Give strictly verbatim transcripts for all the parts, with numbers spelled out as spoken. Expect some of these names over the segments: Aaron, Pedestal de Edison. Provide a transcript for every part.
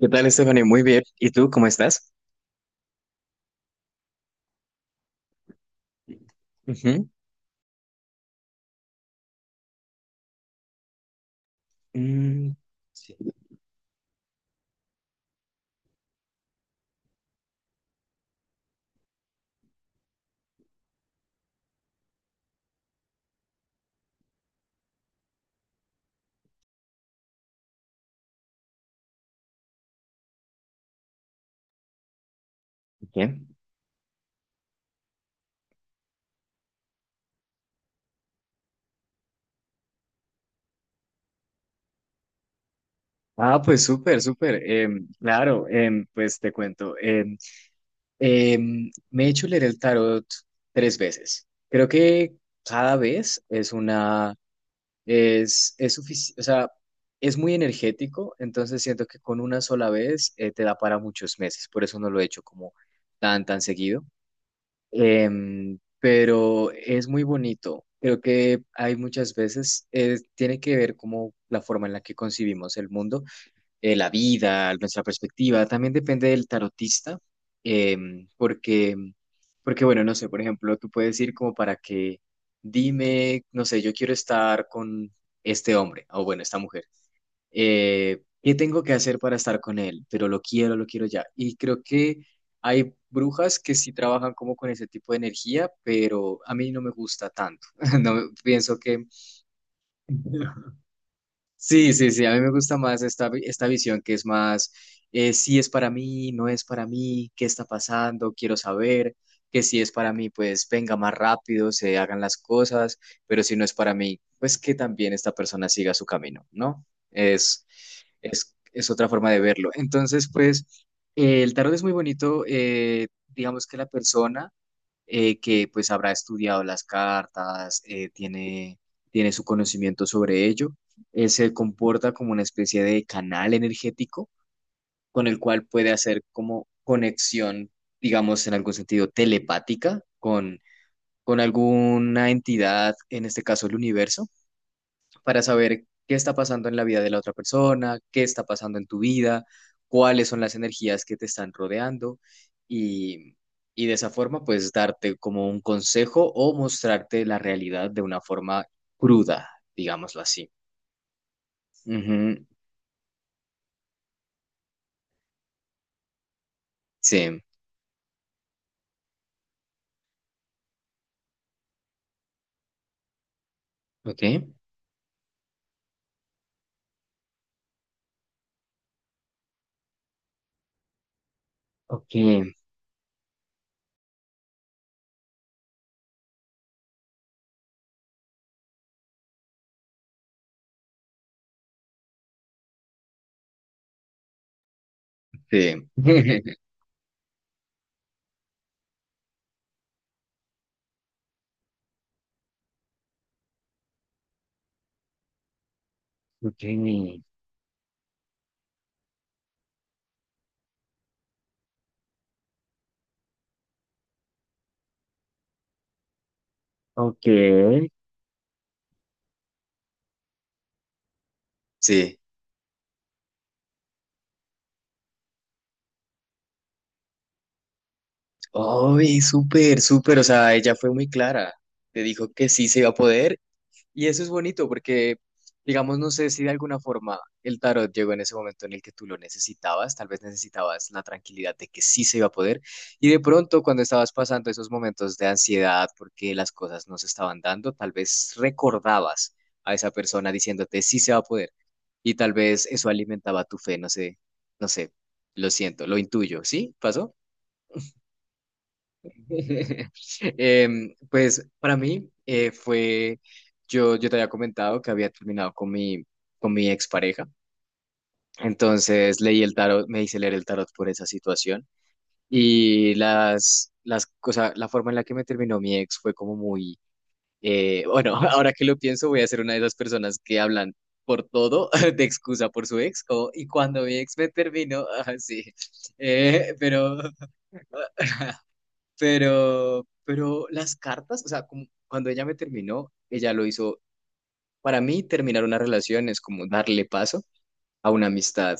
¿Qué tal, Stephanie? Muy bien. ¿Y tú, cómo estás? Ujú. Mm, bien. Ah, pues súper, súper. Em, claro, em, pues te cuento. Em, em, me he hecho leer el tarot tres veces. Creo que cada vez es una, es, es suficiente, o sea, es muy energético, entonces siento que con una sola vez eh, te da para muchos meses. Por eso no lo he hecho como tan, tan seguido. Em, pero es muy bonito. Creo que hay muchas veces, eh, tiene que ver como la forma en la que concibimos el mundo, eh, la vida, nuestra perspectiva. También depende del tarotista, em, porque, porque, bueno, no sé, por ejemplo, tú puedes ir como para que dime, no sé, yo quiero estar con este hombre o bueno, esta mujer eh, ¿qué tengo que hacer para estar con él? Pero lo quiero, lo quiero ya. Y creo que hay brujas que sí trabajan como con ese tipo de energía, pero a mí no me gusta tanto. No pienso que Sí, sí, sí, a mí me gusta más esta, vi- esta visión que es más, eh, si es para mí, no es para mí, qué está pasando, quiero saber, que si es para mí, pues venga más rápido, se hagan las cosas, pero si no es para mí, pues que también esta persona siga su camino, ¿no? Es, es, es otra forma de verlo. Entonces, pues, eh, el tarot es muy bonito, eh, digamos que la persona eh, que pues habrá estudiado las cartas, eh, tiene, tiene su conocimiento sobre ello. Él se comporta como una especie de canal energético con el cual puede hacer como conexión, digamos, en algún sentido telepática con, con alguna entidad, en este caso el universo para saber qué está pasando en la vida de la otra persona, qué está pasando en tu vida, cuáles son las energías que te están rodeando y, y de esa forma pues darte como un consejo o mostrarte la realidad de una forma cruda, digámoslo así. Ujú, sí, ok. Ok, sí. Okay. Okay. Sí. Oh, súper, súper. O sea, ella fue muy clara. Te dijo que sí se iba a poder. Y eso es bonito porque, digamos, no sé si de alguna forma el tarot llegó en ese momento en el que tú lo necesitabas, tal vez necesitabas la tranquilidad de que sí se iba a poder, y de pronto cuando estabas pasando esos momentos de ansiedad porque las cosas no se estaban dando, tal vez recordabas a esa persona diciéndote sí se va a poder, y tal vez eso alimentaba tu fe, no sé, no sé, lo siento, lo intuyo, ¿sí? ¿Pasó? Em, pues para mí eh, fue, yo, yo te había comentado que había terminado con mi, con mi expareja, entonces leí el tarot, me hice leer el tarot por esa situación y las, las cosas, la forma en la que me terminó mi ex fue como muy, eh, bueno, ahora que lo pienso voy a ser una de esas personas que hablan por todo de excusa por su ex, como, y cuando mi ex me terminó, así, pero Pero, pero las cartas, o sea, como cuando ella me terminó, ella lo hizo. Para mí, terminar una relación es como darle paso a una amistad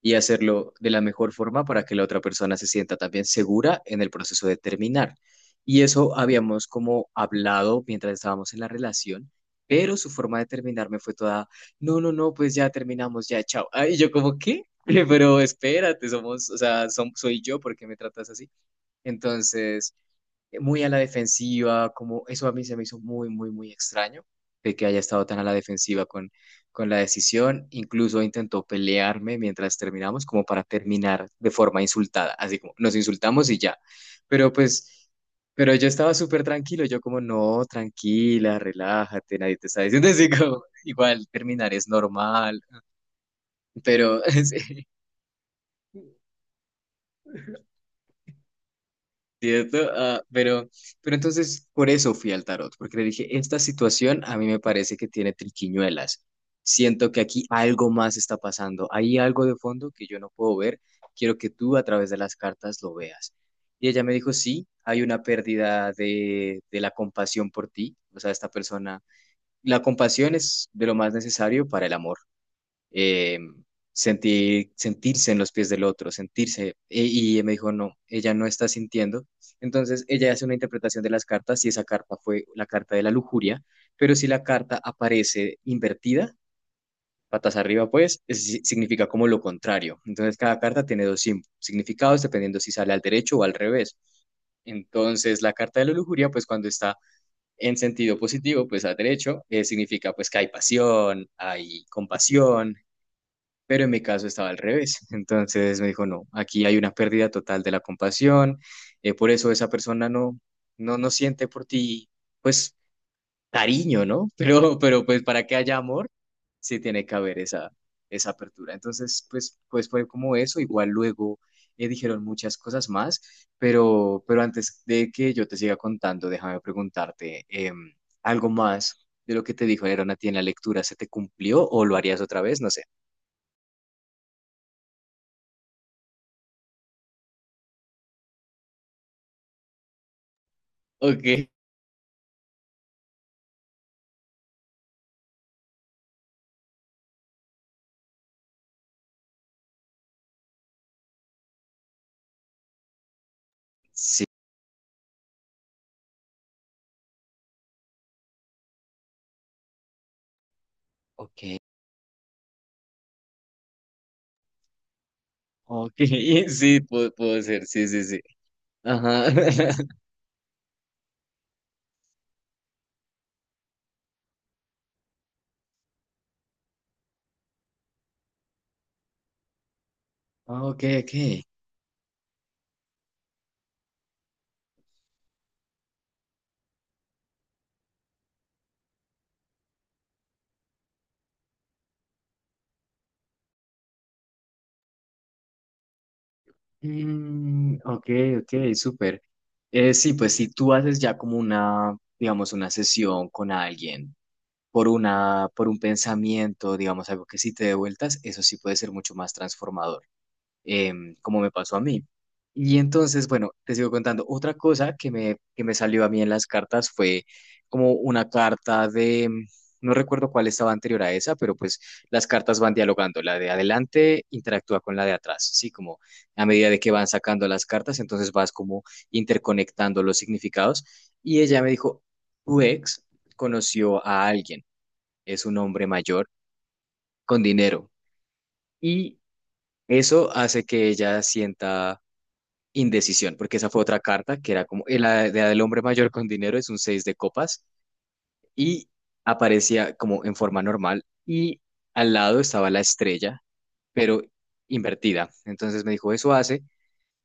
y hacerlo de la mejor forma para que la otra persona se sienta también segura en el proceso de terminar. Y eso habíamos como hablado mientras estábamos en la relación, pero su forma de terminarme fue toda, no, no, no, pues ya terminamos, ya, chao. Ah, y yo como, ¿qué? Pero espérate, somos, o sea, som- soy yo, ¿por qué me tratas así? Entonces eh, muy a la defensiva, como eso a mí se me hizo muy, muy, muy extraño, de que haya estado tan a la defensiva con, con la decisión. Incluso intentó pelearme mientras terminamos, como para terminar de forma insultada, así como nos insultamos y ya. Pero pues, pero yo estaba súper tranquilo, yo como, no, tranquila, relájate, nadie te está diciendo así como, igual terminar es normal, pero sí. ¿Cierto? Ah, pero, pero entonces por eso fui al tarot, porque le dije, esta situación a mí me parece que tiene triquiñuelas. Siento que aquí algo más está pasando. Hay algo de fondo que yo no puedo ver. Quiero que tú a través de las cartas lo veas. Y ella me dijo, sí, hay una pérdida de, de la compasión por ti. O sea, esta persona, la compasión es de lo más necesario para el amor eh, sentir, sentirse en los pies del otro, sentirse. Y, y me dijo, no, ella no está sintiendo. Entonces ella hace una interpretación de las cartas, si esa carta fue la carta de la lujuria, pero si la carta aparece invertida, patas arriba, pues es- si, significa como lo contrario. Entonces cada carta tiene dos sim- significados dependiendo si sale al derecho o al revés. Entonces, la carta de la lujuria, pues cuando está en sentido positivo, pues al derecho, eh, significa pues que hay pasión, hay compasión, pero en mi caso estaba al revés. Entonces me dijo, no, aquí hay una pérdida total de la compasión, eh, por eso esa persona no, no, no siente por ti, pues, cariño, ¿no? Pero, pero pues para que haya amor, sí tiene que haber esa, esa apertura. Entonces, pues, pues, fue como eso. Igual luego eh, dijeron muchas cosas más, pero, pero antes de que yo te siga contando, déjame preguntarte em, algo más de lo que te dijo Aaron a ti en la lectura, ¿se te cumplió o lo harías otra vez? No sé. Ok. Sí. Ok, ok, sí, puedo, puedo ser, sí, sí, sí. Ajá. Ah, ok, ok. Mm, ok, ok, súper. Eh, sí, pues si tú haces ya como una, digamos, una sesión con alguien por una, por un pensamiento, digamos, algo que sí te dé vueltas, eso sí puede ser mucho más transformador. Em, como me pasó a mí. Y entonces, bueno, te sigo contando. Otra cosa que me, que me salió a mí en las cartas fue como una carta de, mm, no recuerdo cuál estaba anterior a esa, pero pues las cartas van dialogando. La de adelante interactúa con la de atrás, ¿sí? Como a medida de que van sacando las cartas, entonces vas como interconectando los significados. Y ella me dijo, tu ex conoció a alguien, es un hombre mayor con dinero. Y eso hace que ella sienta indecisión, porque esa fue otra carta que era como el, la de- la del hombre mayor con dinero es un seis de copas y aparecía como en forma normal y al lado estaba la estrella, pero invertida. Entonces me dijo, eso hace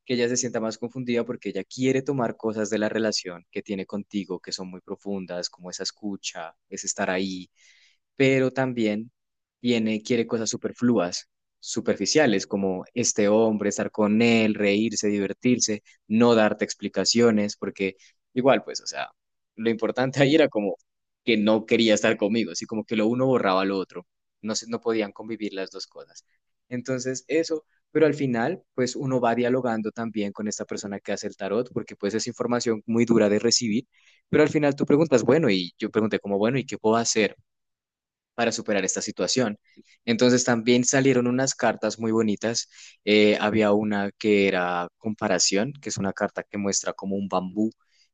que ella se sienta más confundida porque ella quiere tomar cosas de la relación que tiene contigo que son muy profundas, como esa escucha, ese estar ahí, pero también tiene, quiere cosas superfluas, superficiales, como este hombre, estar con él, reírse, divertirse, no darte explicaciones, porque igual, pues, o sea, lo importante ahí era como que no quería estar conmigo, así como que lo uno borraba lo otro, no se, no podían convivir las dos cosas. Entonces, eso, pero al final, pues uno va dialogando también con esta persona que hace el tarot, porque pues es información muy dura de recibir, pero al final tú preguntas, bueno, y yo pregunté como, bueno, ¿y qué puedo hacer para superar esta situación? Entonces también salieron unas cartas muy bonitas. Eh, había una que era comparación, que es una carta que muestra como un bambú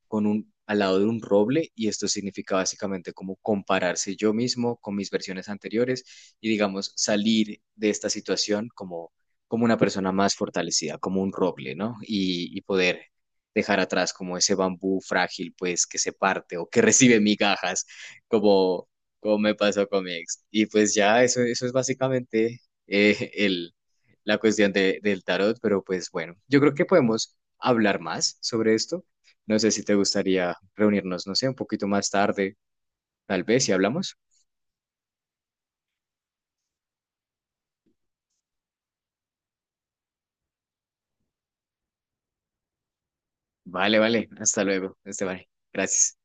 con un al lado de un roble y esto significa básicamente como compararse yo mismo con mis versiones anteriores y digamos salir de esta situación como como una persona más fortalecida, como un roble, ¿no? Y, y poder dejar atrás como ese bambú frágil, pues que se parte o que recibe migajas, como como me pasó con mi ex. Y pues ya, eso, eso es básicamente eh, el, la cuestión de- del tarot, pero pues bueno, yo creo que podemos hablar más sobre esto. No sé si te gustaría reunirnos, no sé, un poquito más tarde, tal vez, si hablamos. Vale, vale, hasta luego, Esteban. Gracias.